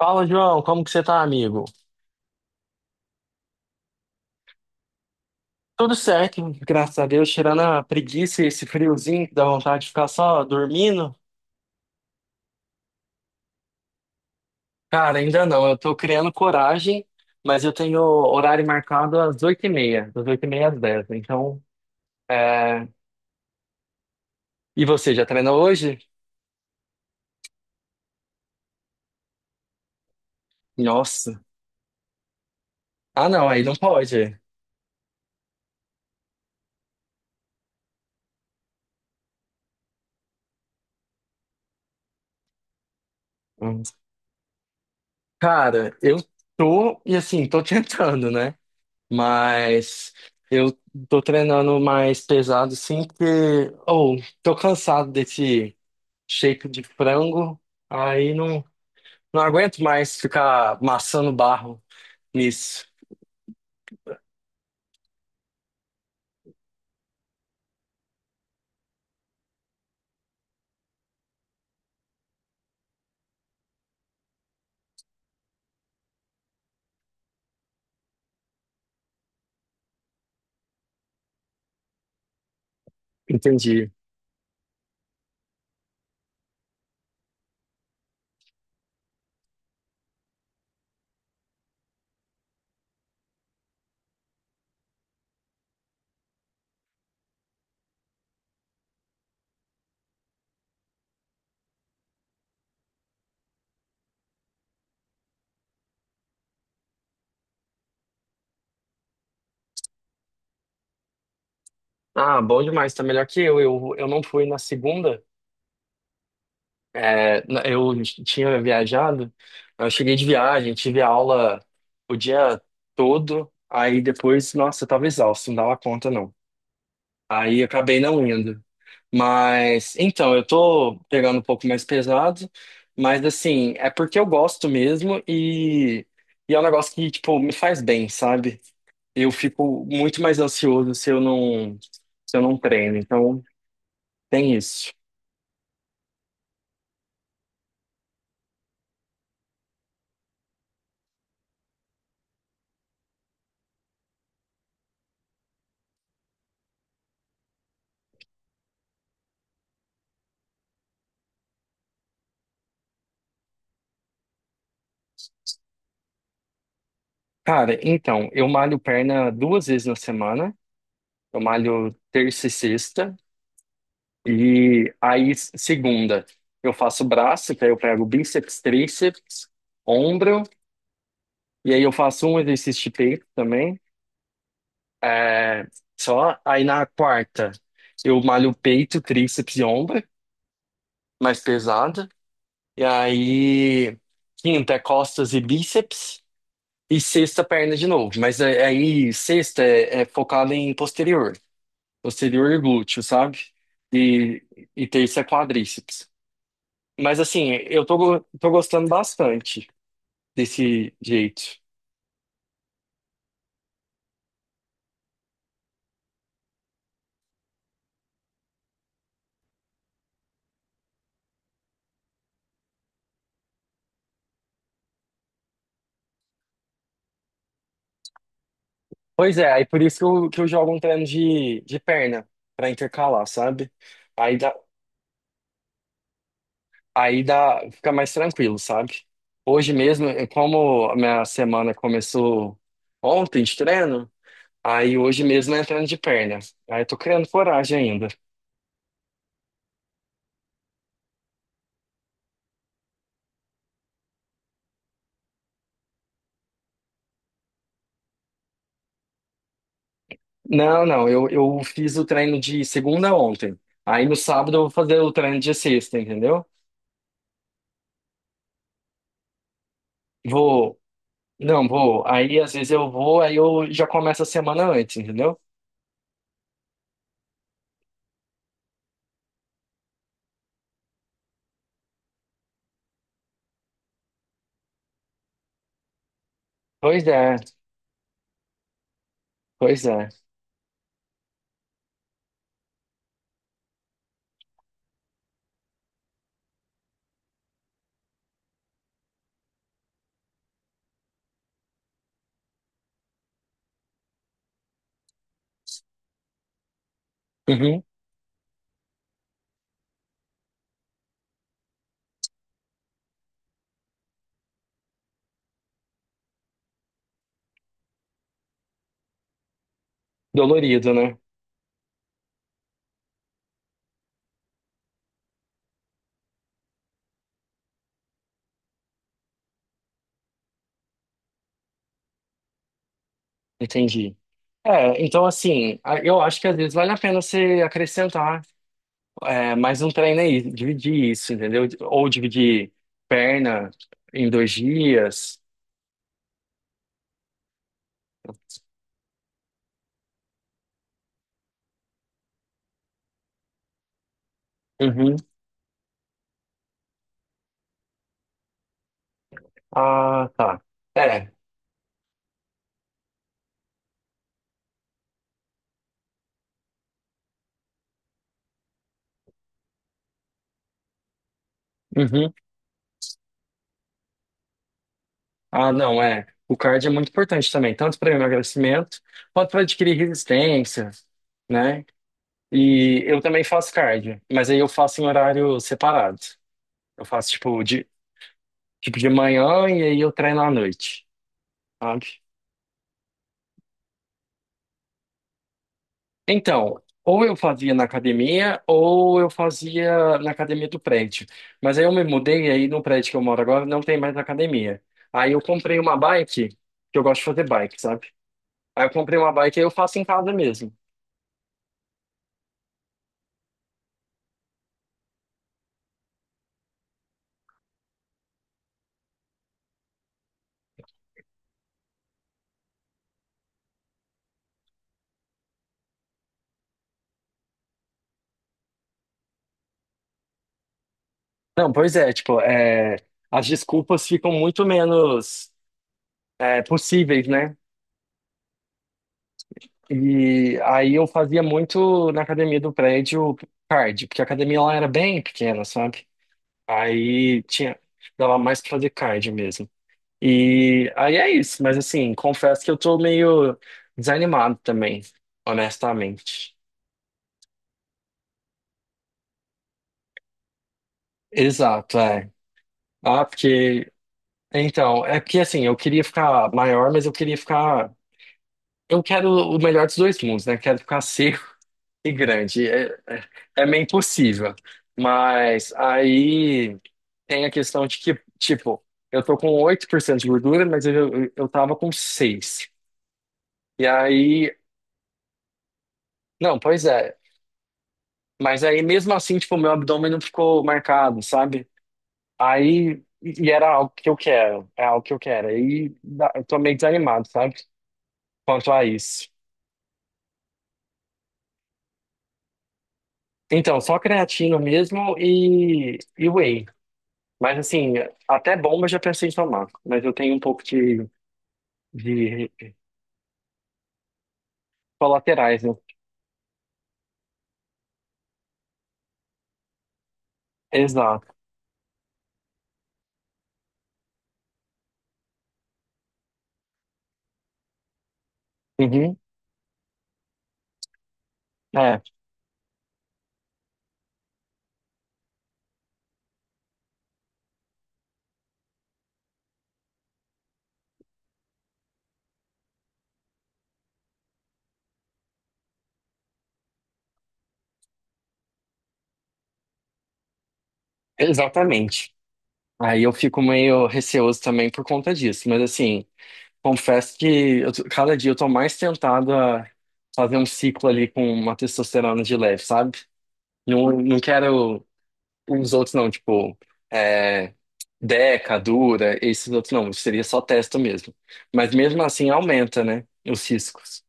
Fala, João, como que você tá, amigo? Tudo certo, graças a Deus, tirando a preguiça e esse friozinho que dá vontade de ficar só dormindo. Cara, ainda não, eu tô criando coragem, mas eu tenho horário marcado às oito e meia, das oito e 30 às 10 então. É. E você, já treinou hoje? Nossa. Ah, não, aí não pode. Hum. Cara, eu tô, e assim, tô tentando, né? Mas eu tô treinando mais pesado, sim, porque. Ou, tô cansado desse shake de frango. Aí não, não aguento mais ficar amassando barro nisso. Entendi. Ah, bom demais, tá melhor que eu. Eu não fui na segunda. É, eu tinha viajado, eu cheguei de viagem, tive aula o dia todo. Aí depois, nossa, eu tava exausto, não dava conta não. Aí acabei não indo. Mas, então, eu tô pegando um pouco mais pesado, mas assim, é porque eu gosto mesmo e é um negócio que, tipo, me faz bem, sabe? Eu fico muito mais ansioso se eu não treino, então tem isso. Cara, então, eu malho perna 2 vezes na semana, eu malho terça e sexta, e aí segunda eu faço braço, que aí eu pego bíceps, tríceps, ombro. E aí eu faço um exercício de peito também. É, só. Aí na quarta eu malho peito, tríceps e ombro, mais pesado. E aí quinta é costas e bíceps. E sexta, perna de novo. Mas aí sexta é focada em posterior. Posterior e glúteo, sabe? E, e terça é quadríceps. Mas assim, eu tô, tô gostando bastante desse jeito. Pois é, aí por isso que eu jogo um treino de perna, pra intercalar, sabe? Aí dá, aí dá, fica mais tranquilo, sabe? Hoje mesmo, como a minha semana começou ontem de treino, aí hoje mesmo é treino de perna. Aí eu tô criando coragem ainda. Não, não, eu fiz o treino de segunda ontem. Aí no sábado eu vou fazer o treino de sexta, entendeu? Vou, não, vou. Aí às vezes eu vou, aí eu já começo a semana antes, entendeu? Pois é, pois é. Uhum. Dolorido, né? Entendi. É, então assim, eu acho que às vezes vale a pena você acrescentar mais um treino aí, dividir isso, entendeu? Ou dividir perna em 2 dias. Uhum. Ah, tá. É. Uhum. Ah, não, é. O cardio é muito importante também, tanto para emagrecimento quanto para adquirir resistência, né? E eu também faço cardio, mas aí eu faço em horário separado. Eu faço tipo de manhã e aí eu treino à noite, sabe? Então, ou eu fazia na academia ou eu fazia na academia do prédio. Mas aí eu me mudei e aí no prédio que eu moro agora não tem mais academia. Aí eu comprei uma bike, que eu gosto de fazer bike, sabe? Aí eu comprei uma bike e eu faço em casa mesmo. Não, pois é, tipo, as desculpas ficam muito menos possíveis, né? E aí eu fazia muito na academia do prédio cardio, porque a academia lá era bem pequena, sabe? Aí tinha, dava mais pra fazer cardio mesmo. E aí é isso, mas assim, confesso que eu tô meio desanimado também, honestamente. Exato, é. Ah, porque. Então, é porque assim, eu queria ficar maior, mas eu queria ficar. Eu quero o melhor dos dois mundos, né? Quero ficar seco e grande. É, meio impossível. Mas aí tem a questão de que, tipo, eu tô com 8% de gordura, mas eu tava com 6. E aí, não, pois é. Mas aí mesmo assim, tipo, meu abdômen não ficou marcado, sabe? Aí, e era algo que eu quero, é algo que eu quero. Eu tô meio desanimado, sabe? Quanto a isso. Então, só creatina mesmo e whey. Mas assim, até bomba eu já pensei em tomar. Mas eu tenho um pouco de colaterais, né? Exato. Uhum. É, exatamente. Aí eu fico meio receoso também por conta disso. Mas assim. Confesso que cada dia eu tô mais tentado a fazer um ciclo ali com uma testosterona de leve, sabe? Não, não quero os outros não, tipo, é, Deca, Dura, esses outros não, seria só testo mesmo. Mas mesmo assim aumenta, né, os riscos.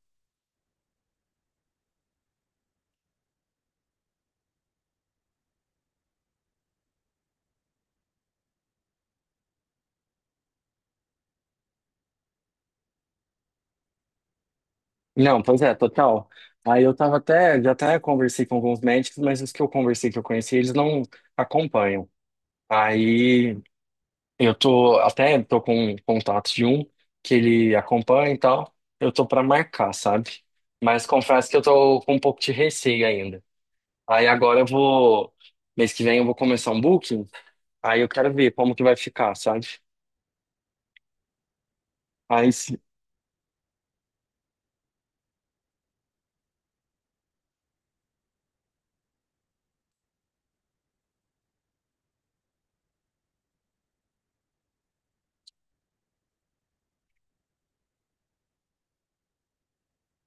Não, pois é, total. Aí eu tava até, já até conversei com alguns médicos, mas os que eu conversei, que eu conheci, eles não acompanham. Aí eu tô, até tô com contato de um que ele acompanha e tal. Eu tô pra marcar, sabe? Mas confesso que eu tô com um pouco de receio ainda. Aí agora eu vou mês que vem eu vou começar um booking. Aí eu quero ver como que vai ficar, sabe? Aí se-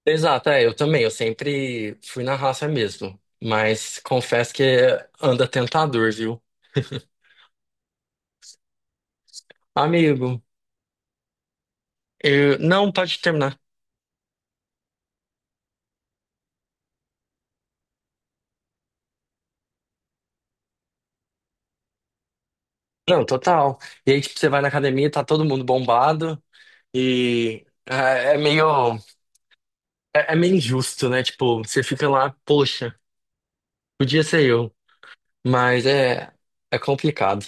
Exato, é, eu também, eu sempre fui na raça mesmo, mas confesso que anda tentador, viu? Amigo, eu, não pode terminar. Não, total. E aí, tipo, você vai na academia, tá todo mundo bombado. E ah, é meio, é meio injusto, né? Tipo, você fica lá, poxa, podia ser eu, mas é complicado.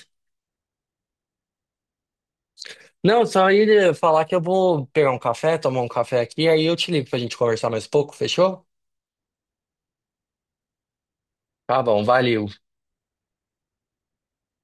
Não, só ia falar que eu vou pegar um café, tomar um café aqui, aí eu te ligo pra gente conversar mais um pouco, fechou? Tá bom, valeu.